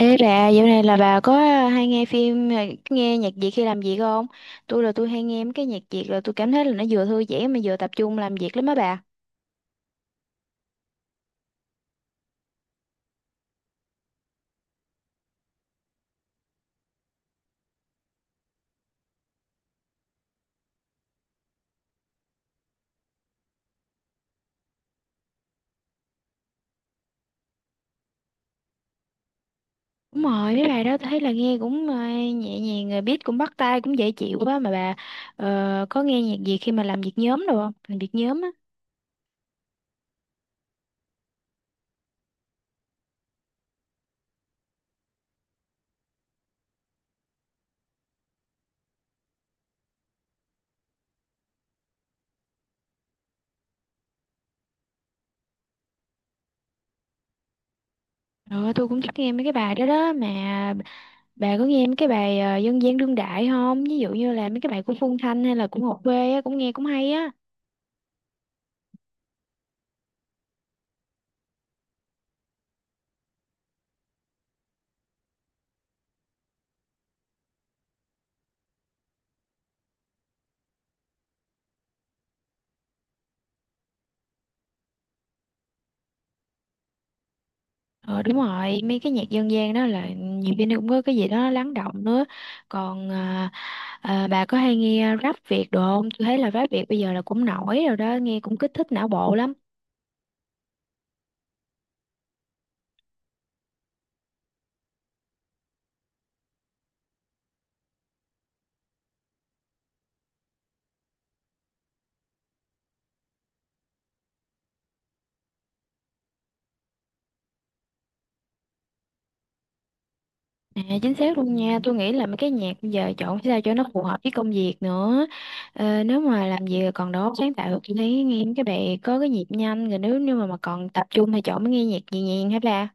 Ê bà, dạo này là bà có hay nghe phim, nghe nhạc Việt khi làm việc không? Tôi là tôi hay nghe mấy cái nhạc Việt là tôi cảm thấy là nó vừa thư giãn mà vừa tập trung làm việc lắm á bà. Đúng rồi, mấy bài đó tôi thấy là nghe cũng nhẹ nhàng, rồi beat cũng bắt tai, cũng dễ chịu quá mà bà có nghe nhạc Việt khi mà làm việc nhóm đâu không? Làm việc nhóm á. Rồi tôi cũng thích nghe mấy cái bài đó đó, mà bà có nghe mấy cái bài dân gian đương đại không? Ví dụ như là mấy cái bài của Phương Thanh hay là của Ngọc Quê á, cũng nghe cũng hay á. Ờ đúng rồi, mấy cái nhạc dân gian đó là nhiều khi nó cũng có cái gì đó lắng động nữa. Còn à, bà có hay nghe rap Việt đồ không? Tôi thấy là rap Việt bây giờ là cũng nổi rồi đó, nghe cũng kích thích não bộ lắm. À, chính xác luôn nha, tôi nghĩ là mấy cái nhạc bây giờ chọn sao cho nó phù hợp với công việc nữa. Ờ, nếu mà làm việc còn đó sáng tạo tôi thấy nghe mấy cái bài có cái nhịp nhanh, rồi nếu như mà còn tập trung thì chọn mới nghe nhạc nhẹ nhàng hả bà?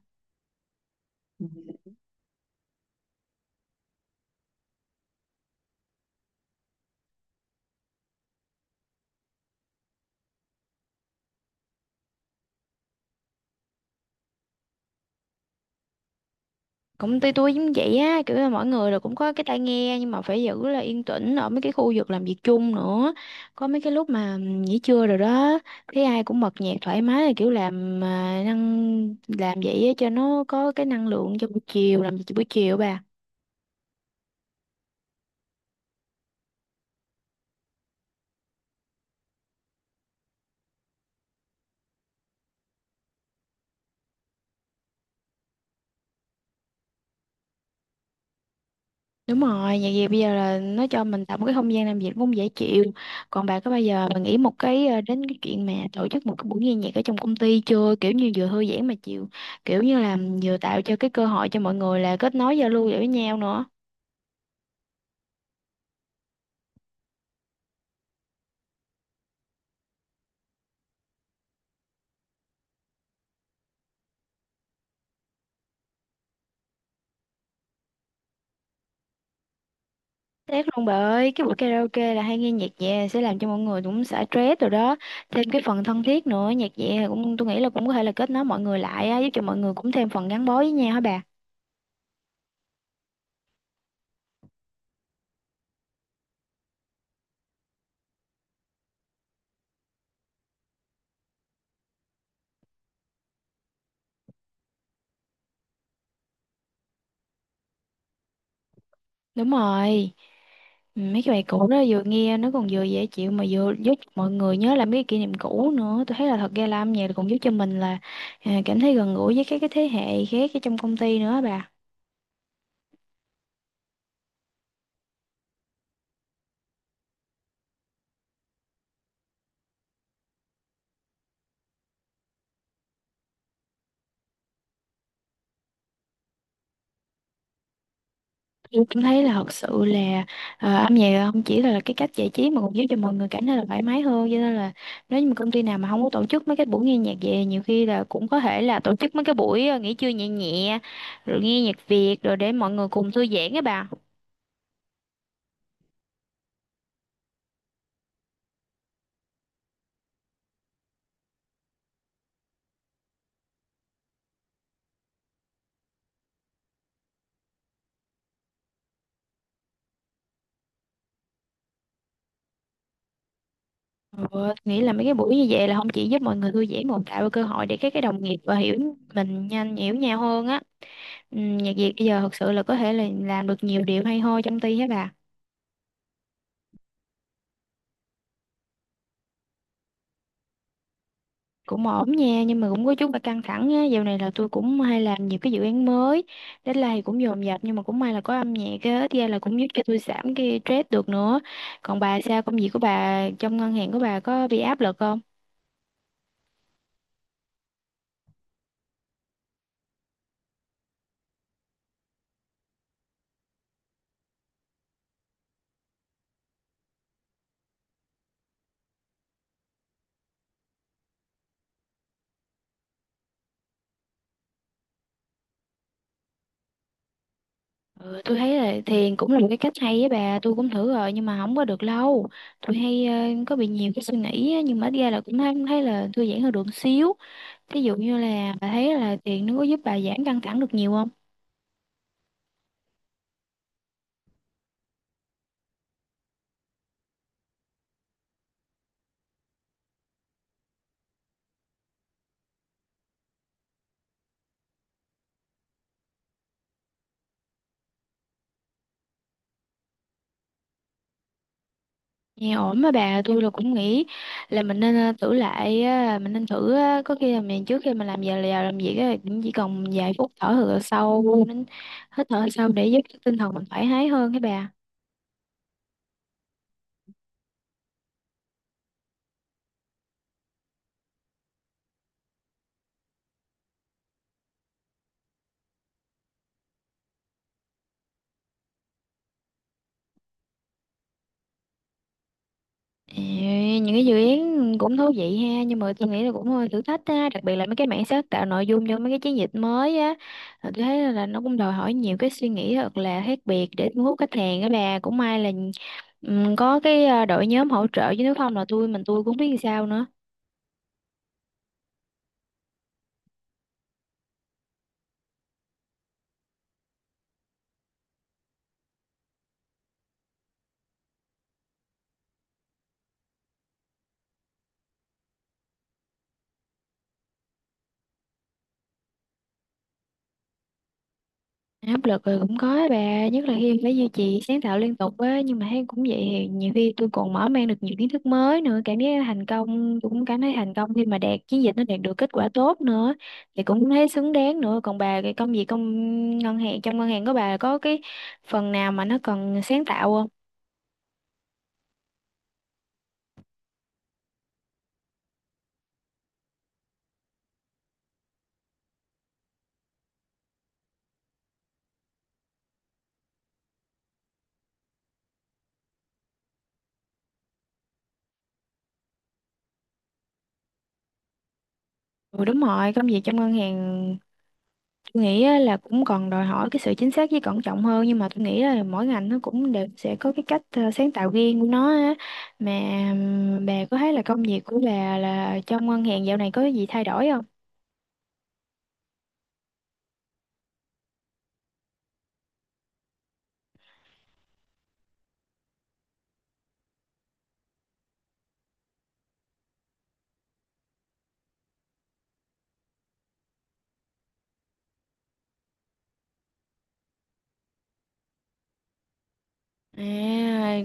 Công ty tôi giống vậy á, kiểu là mọi người rồi cũng có cái tai nghe nhưng mà phải giữ là yên tĩnh ở mấy cái khu vực làm việc chung nữa. Có mấy cái lúc mà nghỉ trưa rồi đó, thấy ai cũng bật nhạc thoải mái, là kiểu làm à, năng làm vậy á cho nó có cái năng lượng cho buổi chiều, làm việc buổi chiều bà. Đúng rồi, nhạc Việt bây giờ là nó cho mình tạo một cái không gian làm việc cũng dễ chịu. Còn bà có bao giờ bà nghĩ một cái đến cái chuyện mà tổ chức một cái buổi nghe nhạc ở trong công ty chưa? Kiểu như vừa thư giãn mà chịu, kiểu như là vừa tạo cho cái cơ hội cho mọi người là kết nối giao lưu với nhau nữa. Tiếc luôn bà ơi, cái buổi karaoke là hay nghe nhạc nhẹ sẽ làm cho mọi người cũng xả stress rồi đó. Thêm cái phần thân thiết nữa, nhạc nhẹ cũng tôi nghĩ là cũng có thể là kết nối mọi người lại á, giúp cho mọi người cũng thêm phần gắn bó với nhau hả bà? Đúng rồi. Ừ, mấy cái bài cũ đó vừa nghe nó còn vừa dễ chịu mà vừa giúp mọi người nhớ lại mấy cái kỷ niệm cũ nữa. Tôi thấy là thật ra là âm nhạc cũng giúp cho mình là cảm thấy gần gũi với các cái thế hệ khác ở trong công ty nữa á bà. Tôi cảm thấy là thật sự là âm nhạc không chỉ là cái cách giải trí mà còn giúp cho mọi người cảm thấy là thoải mái hơn. Cho nên là nếu như mà công ty nào mà không có tổ chức mấy cái buổi nghe nhạc về, nhiều khi là cũng có thể là tổ chức mấy cái buổi nghỉ trưa nhẹ nhẹ rồi nghe nhạc Việt rồi để mọi người cùng thư giãn á bà. Ừ, nghĩ là mấy cái buổi như vậy là không chỉ giúp mọi người thư giãn mà còn tạo cơ hội để các cái đồng nghiệp và hiểu mình nhanh hiểu nhau hơn á. Ừ, nhạc Việt bây giờ thật sự là có thể là làm được nhiều điều hay ho trong ty hết bà. Cũng ổn nha, nhưng mà cũng có chút là căng thẳng á, dạo này là tôi cũng hay làm nhiều cái dự án mới, deadline thì cũng dồn dập, nhưng mà cũng may là có âm nhạc á thì là cũng giúp cho tôi giảm cái stress được nữa. Còn bà sao, công việc của bà trong ngân hàng của bà có bị áp lực không? Ừ, tôi thấy là thiền cũng là một cái cách hay với bà, tôi cũng thử rồi nhưng mà không có được lâu. Tôi hay có bị nhiều cái suy nghĩ á, nhưng mà ít ra là cũng thấy là thư giãn hơn được xíu. Thí dụ như là bà thấy là thiền nó có giúp bà giảm căng thẳng được nhiều không? Nghe ổn mà bà, tôi là cũng nghĩ là mình nên thử lại á, mình nên thử á, có khi là mình trước khi mình làm giờ là làm việc á, cũng chỉ cần vài phút thở hơi sâu, hít thở sâu để giúp cho tinh thần mình thoải mái hơn các bà. Ê, những cái dự án cũng thú vị ha, nhưng mà tôi nghĩ là cũng hơi thử thách á, đặc biệt là mấy cái mảng sáng tạo nội dung cho mấy cái chiến dịch mới á. Là tôi thấy là nó cũng đòi hỏi nhiều cái suy nghĩ thật là khác biệt để thu hút khách hàng á bà, cũng may là có cái đội nhóm hỗ trợ chứ nếu không là tôi mình tôi cũng biết làm sao nữa. Áp lực rồi cũng có á bà, nhất là khi phải duy trì sáng tạo liên tục á, nhưng mà thấy cũng vậy, thì nhiều khi tôi còn mở mang được nhiều kiến thức mới nữa, cảm giác thành công, tôi cũng cảm thấy thành công khi mà đạt chiến dịch nó đạt được kết quả tốt nữa, thì cũng thấy xứng đáng nữa. Còn bà cái công việc ngân hàng, trong ngân hàng của bà có cái phần nào mà nó cần sáng tạo không? Ừ đúng rồi, công việc trong ngân hàng tôi nghĩ á, là cũng còn đòi hỏi cái sự chính xác với cẩn trọng hơn, nhưng mà tôi nghĩ là mỗi ngành nó cũng đều sẽ có cái cách sáng tạo riêng của nó á. Mà bà có thấy là công việc của bà là trong ngân hàng dạo này có gì thay đổi không? À,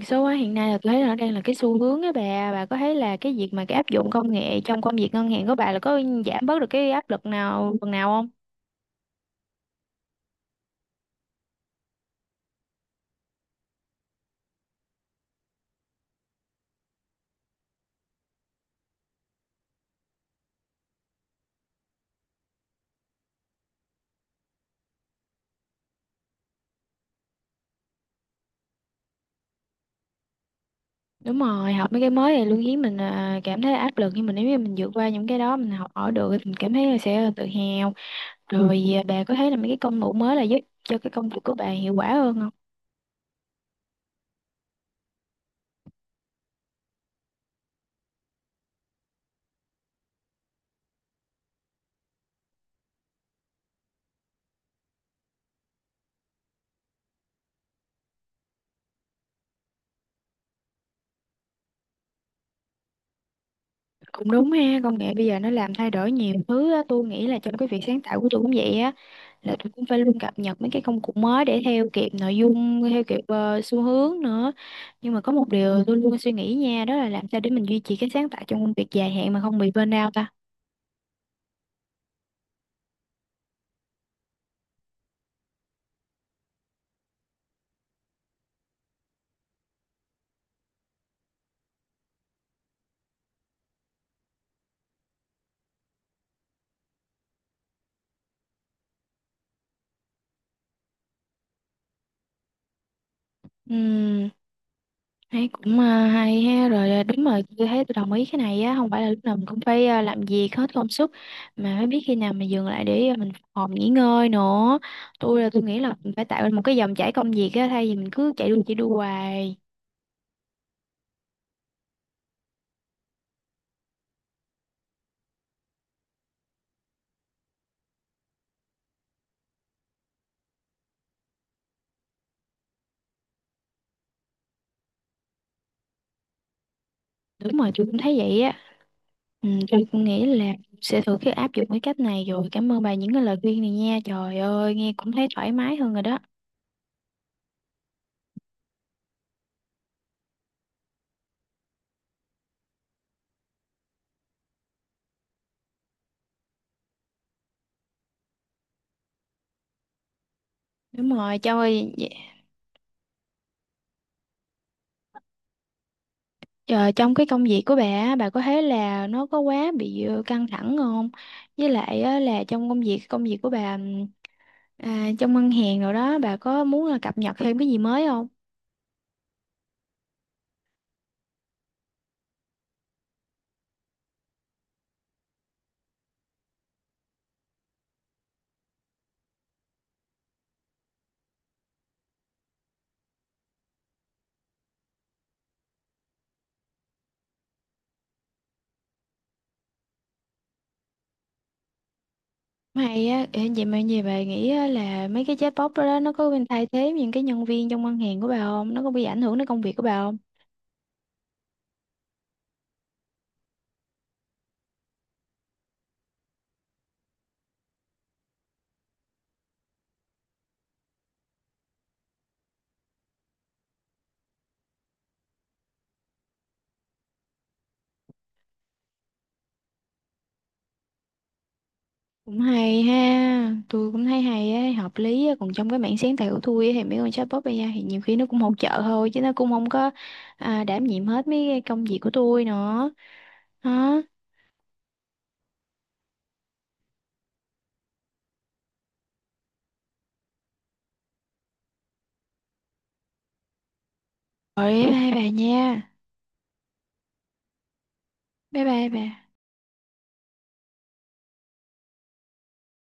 số hóa hiện nay là tôi thấy là nó đang là cái xu hướng á bà. Bà có thấy là cái việc mà cái áp dụng công nghệ trong công việc ngân hàng của bà là có giảm bớt được cái áp lực nào phần nào không? Đúng rồi, học mấy cái mới thì luôn khiến mình cảm thấy áp lực, nhưng mà nếu như mình vượt qua những cái đó mình học hỏi được thì mình cảm thấy là sẽ tự hào. Ừ. Rồi à, bà có thấy là mấy cái công cụ mới là giúp cho cái công việc của bà hiệu quả hơn không? Cũng đúng ha, công nghệ bây giờ nó làm thay đổi nhiều thứ á, tôi nghĩ là trong cái việc sáng tạo của tôi cũng vậy á, là tôi cũng phải luôn cập nhật mấy cái công cụ mới để theo kịp nội dung, theo kịp xu hướng nữa. Nhưng mà có một điều tôi luôn suy nghĩ nha, đó là làm sao để mình duy trì cái sáng tạo trong công việc dài hạn mà không bị burnout ta. Thấy cũng hay ha, rồi à, đúng rồi tôi thấy tôi đồng ý cái này á, không phải là lúc nào mình cũng phải làm việc hết công sức mà phải biết khi nào mình dừng lại để mình phục hồi nghỉ ngơi nữa. Tôi là tôi nghĩ là mình phải tạo ra một cái dòng chảy công việc á, thay vì mình cứ chạy đua hoài. Đúng rồi tôi cũng thấy vậy á. Ừ, tôi cũng nghĩ là sẽ thử cái áp dụng cái cách này, rồi cảm ơn bà những cái lời khuyên này nha, trời ơi nghe cũng thấy thoải mái hơn rồi đó. Đúng rồi cho ơi. Ờ, trong cái công việc của bà á, bà có thấy là nó có quá bị căng thẳng không? Với lại á, là trong công việc của bà trong ngân hàng rồi đó bà có muốn là cập nhật thêm cái gì mới không? Hay á, ờ, vậy mà gì bà nghĩ á, là mấy cái chatbot đó, đó nó có bên thay thế những cái nhân viên trong ngân hàng của bà không? Nó có bị ảnh hưởng đến công việc của bà không? Cũng hay ha, tôi cũng thấy hay á, hợp lý á. Còn trong cái mảng sáng tạo của tôi á, thì mấy con chatbot bây giờ thì nhiều khi nó cũng hỗ trợ thôi chứ nó cũng không có đảm nhiệm hết mấy cái công việc của tôi nữa. Đó. Rồi bye bye bà nha. Bye bye bà.